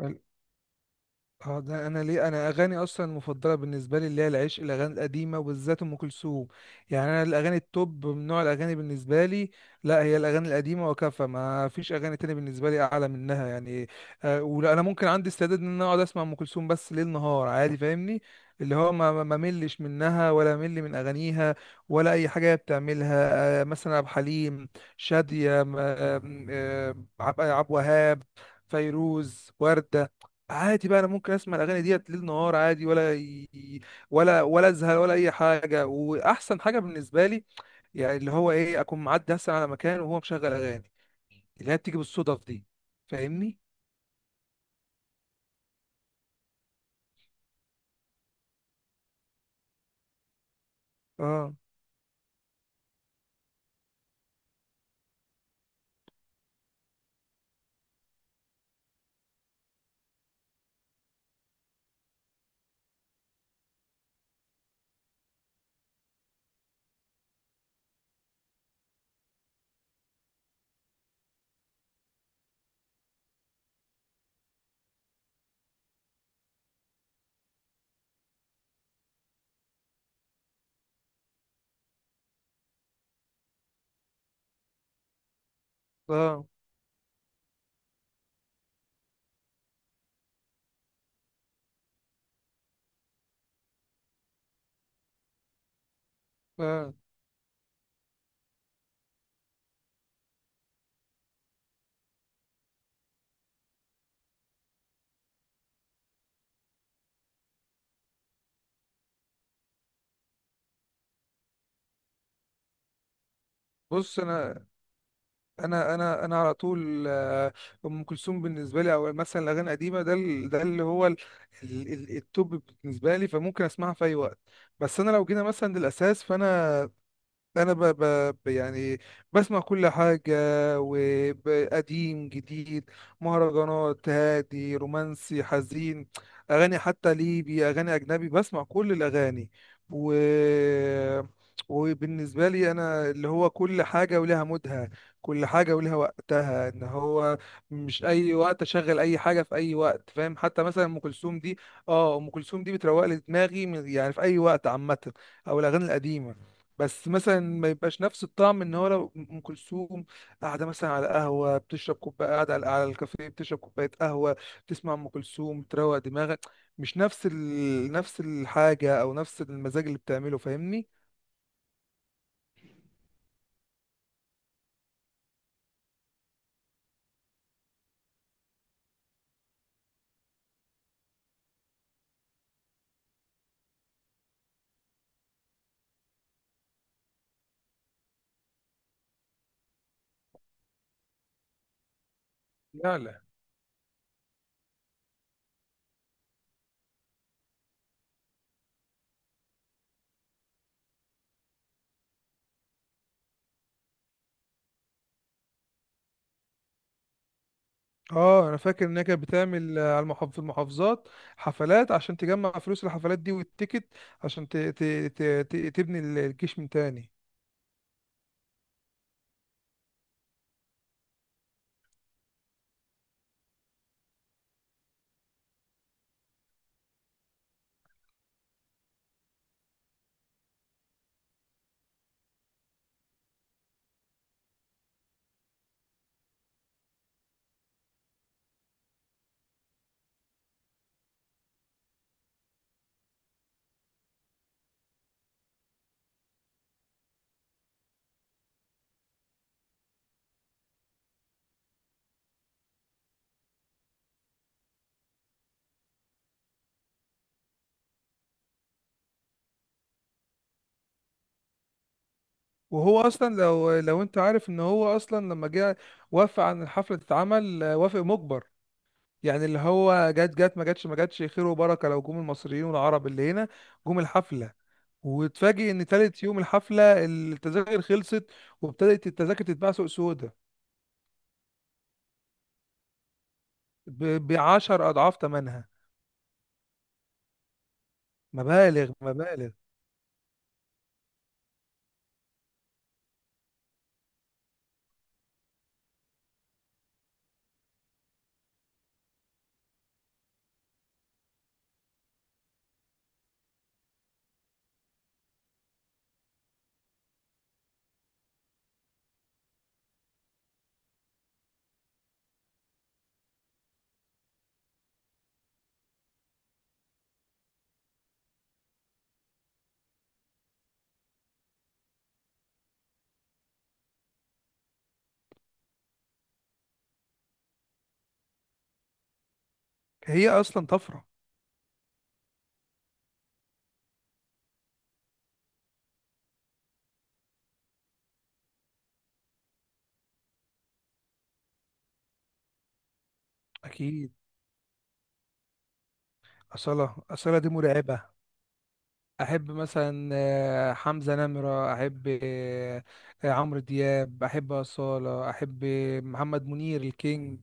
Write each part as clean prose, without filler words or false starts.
ال- اه، ده انا ليه انا اغاني اصلا المفضله بالنسبه لي اللي هي العشق الاغاني القديمه وبالذات ام كلثوم. يعني انا الاغاني التوب من نوع الاغاني بالنسبه لي لا هي الاغاني القديمه وكفى، ما فيش اغاني تانية بالنسبه لي اعلى منها يعني. آه، ولا انا ممكن عندي استعداد ان انا اقعد اسمع ام كلثوم بس ليل نهار عادي، فاهمني؟ اللي هو ما ملش منها ولا مل من اغانيها ولا اي حاجه هي بتعملها. آه، مثلا عبد الحليم، شاديه عبد الوهاب، فيروز، وردة. عادي بقى انا ممكن اسمع الاغاني ديت ليل نهار عادي، ولا ازهق ولا اي حاجه. واحسن حاجه بالنسبه لي يعني اللي هو ايه، اكون معدي اصلا على مكان وهو مشغل اغاني اللي هي بتيجي بالصدف دي، فاهمني؟ اه اه اه بص، انا انا على طول آه، ام كلثوم بالنسبه لي او مثلا الاغاني القديمه ده ده اللي هو التوب بالنسبه لي، فممكن اسمعها في اي وقت. بس انا لو جينا مثلا للاساس، فانا انا ب... ب... ب- يعني بسمع كل حاجه، وقديم جديد، مهرجانات، هادي، رومانسي، حزين، اغاني حتى ليبي، اغاني اجنبي، بسمع كل الاغاني. و وبالنسبه لي انا اللي هو كل حاجه ولها مودها، كل حاجه ولها وقتها. ان هو مش اي وقت اشغل اي حاجه في اي وقت، فاهم؟ حتى مثلا ام كلثوم دي، اه ام كلثوم دي بتروق لي دماغي يعني في اي وقت عامه، او الاغاني القديمه. بس مثلا ما يبقاش نفس الطعم ان هو لو ام كلثوم قاعده مثلا على قهوه بتشرب كوبايه، قاعده على الكافيه بتشرب كوبايه قهوه، بتسمع ام كلثوم تروق دماغك، مش نفس نفس الحاجه او نفس المزاج اللي بتعمله، فاهمني؟ لا لا. اه، انا فاكر ان هي كانت بتعمل آه، على المحافظ في المحافظات حفلات عشان تجمع فلوس الحفلات دي والتيكت، عشان تبني الجيش من تاني. وهو اصلا، لو انت عارف، ان هو اصلا لما جه وافق عن الحفله تتعمل آه، وافق مجبر. يعني اللي هو جت ما جاتش، ما جاتش خير وبركه لو جم المصريين والعرب اللي هنا جم الحفله. وتفاجئ ان تالت يوم الحفله التذاكر خلصت، وابتدت التذاكر تتباع سوق سودا ب 10 اضعاف ثمنها. مبالغ مبالغ. هي اصلا طفره. اكيد. اصاله، اصاله دي مرعبه. احب مثلا آه، حمزة نمرة، احب آه، آه، عمرو دياب، احب أصالة، احب محمد منير الكينج،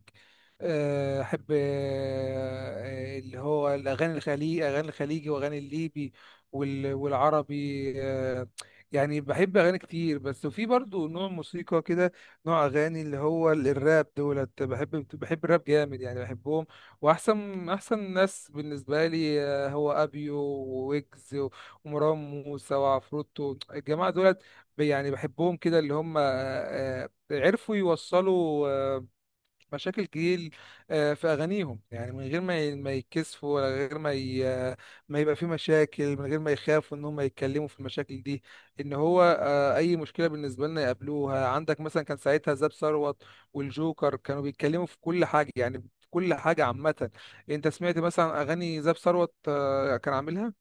آه، احب آه، اللي هو الاغاني الخليجي، اغاني الخليجي واغاني الليبي والعربي آه،. يعني بحب اغاني كتير، بس وفي برضو نوع موسيقى كده، نوع اغاني اللي هو الراب دولت، بحب الراب جامد يعني، بحبهم. واحسن ناس بالنسبه لي آه، هو ابيو وويجز ومروان موسى وعفروتو، الجماعه دولت يعني بحبهم كده. اللي هم آه، آه، عرفوا يوصلوا آه، مشاكل كتير آه، في اغانيهم، يعني من غير ما ما يتكسفوا، ولا غير ما ما يبقى في مشاكل، من غير ما يخافوا ان هم يتكلموا في المشاكل دي. ان هو آه، اي مشكله بالنسبه لنا يقابلوها. عندك مثلا كان ساعتها زاب ثروت والجوكر كانوا بيتكلموا في كل حاجه، يعني في كل حاجه عامه. انت سمعت مثلا اغاني زاب ثروت آه، كان عاملها؟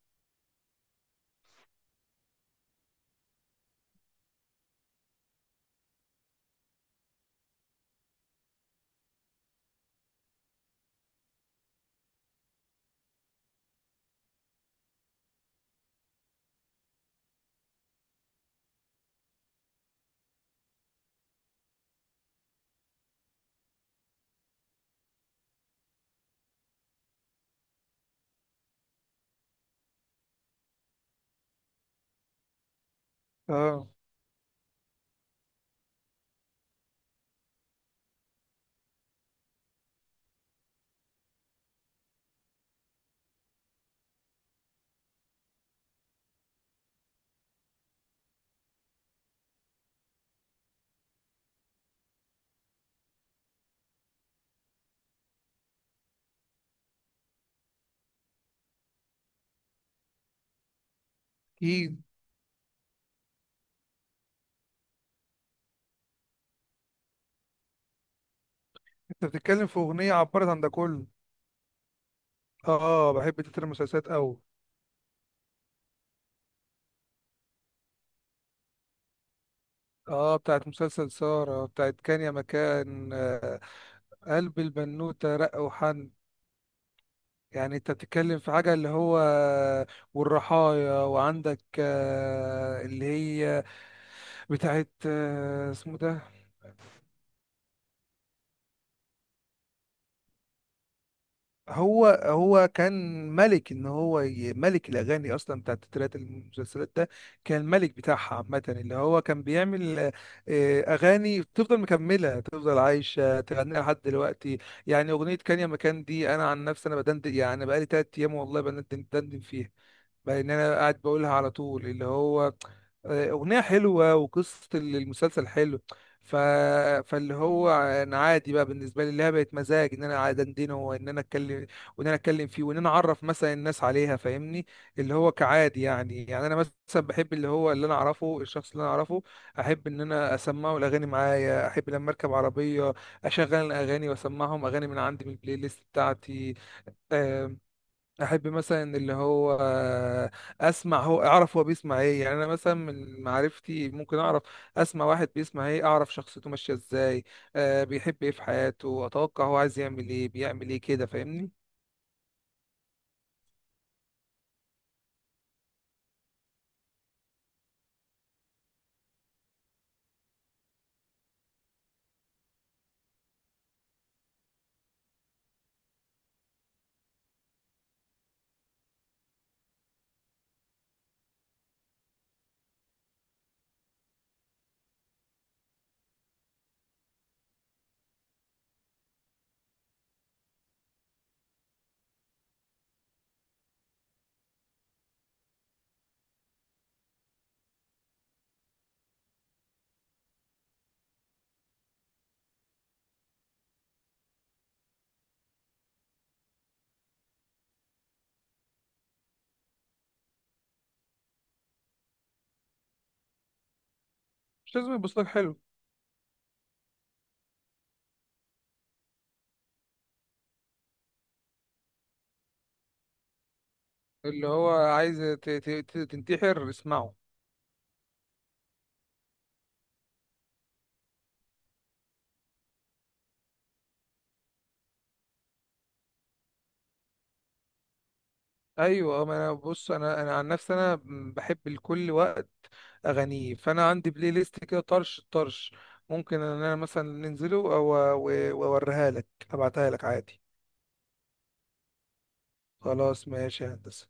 اه اكيد. انت بتتكلم في اغنيه عبرت عن ده كله. اه، بحب تتر المسلسلات قوي. اه، بتاعت مسلسل سارة، بتاعت كان يا مكان آه،، قلب البنوتة رق وحن. يعني انت بتتكلم في حاجة اللي هو والرحايا، وعندك آه، اللي هي بتاعت آه، اسمه ده. هو كان ملك، ان هو ملك الاغاني اصلا بتاعت تترات المسلسلات ده، كان الملك بتاعها عامه. اللي هو كان بيعمل آه، آه، اغاني تفضل مكمله تفضل عايشه تغنيها لحد دلوقتي. يعني اغنيه كان يا مكان دي انا عن نفسي انا بدندن، يعني بقالي تلات ايام والله بندندن فيها، لان انا قاعد بقولها على طول، اللي هو آه، اغنيه حلوه وقصه المسلسل حلو. ف... فاللي هو انا عادي بقى بالنسبه لي اللي هي بقت مزاج، ان انا قاعد اندنه وان انا اتكلم، وان انا اتكلم فيه وان انا اعرف مثلا الناس عليها، فاهمني؟ اللي هو كعادي يعني. يعني انا مثلا بحب اللي هو اللي انا اعرفه، الشخص اللي انا اعرفه احب ان انا اسمعه الاغاني معايا. احب لما اركب عربيه اشغل الاغاني واسمعهم اغاني من عندي من البلاي ليست بتاعتي. احب مثلا اللي هو اسمع، هو اعرف هو بيسمع ايه، يعني انا مثلا من معرفتي ممكن اعرف اسمع واحد بيسمع ايه اعرف شخصيته ماشيه ازاي، آه، بيحب ايه في حياته، اتوقع هو عايز يعمل ايه، بيعمل ايه كده، فاهمني؟ مش لازم يبص لك حلو، اللي هو عايز تنتحر اسمعه. ايوه آه، ما انا بص، انا عن نفسي انا بحب لكل وقت اغانيه، فانا عندي بلاي ليست كده طرش طرش، ممكن ان انا مثلا ننزله واوريها لك، ابعتها لك عادي. خلاص ماشي يا هندسة.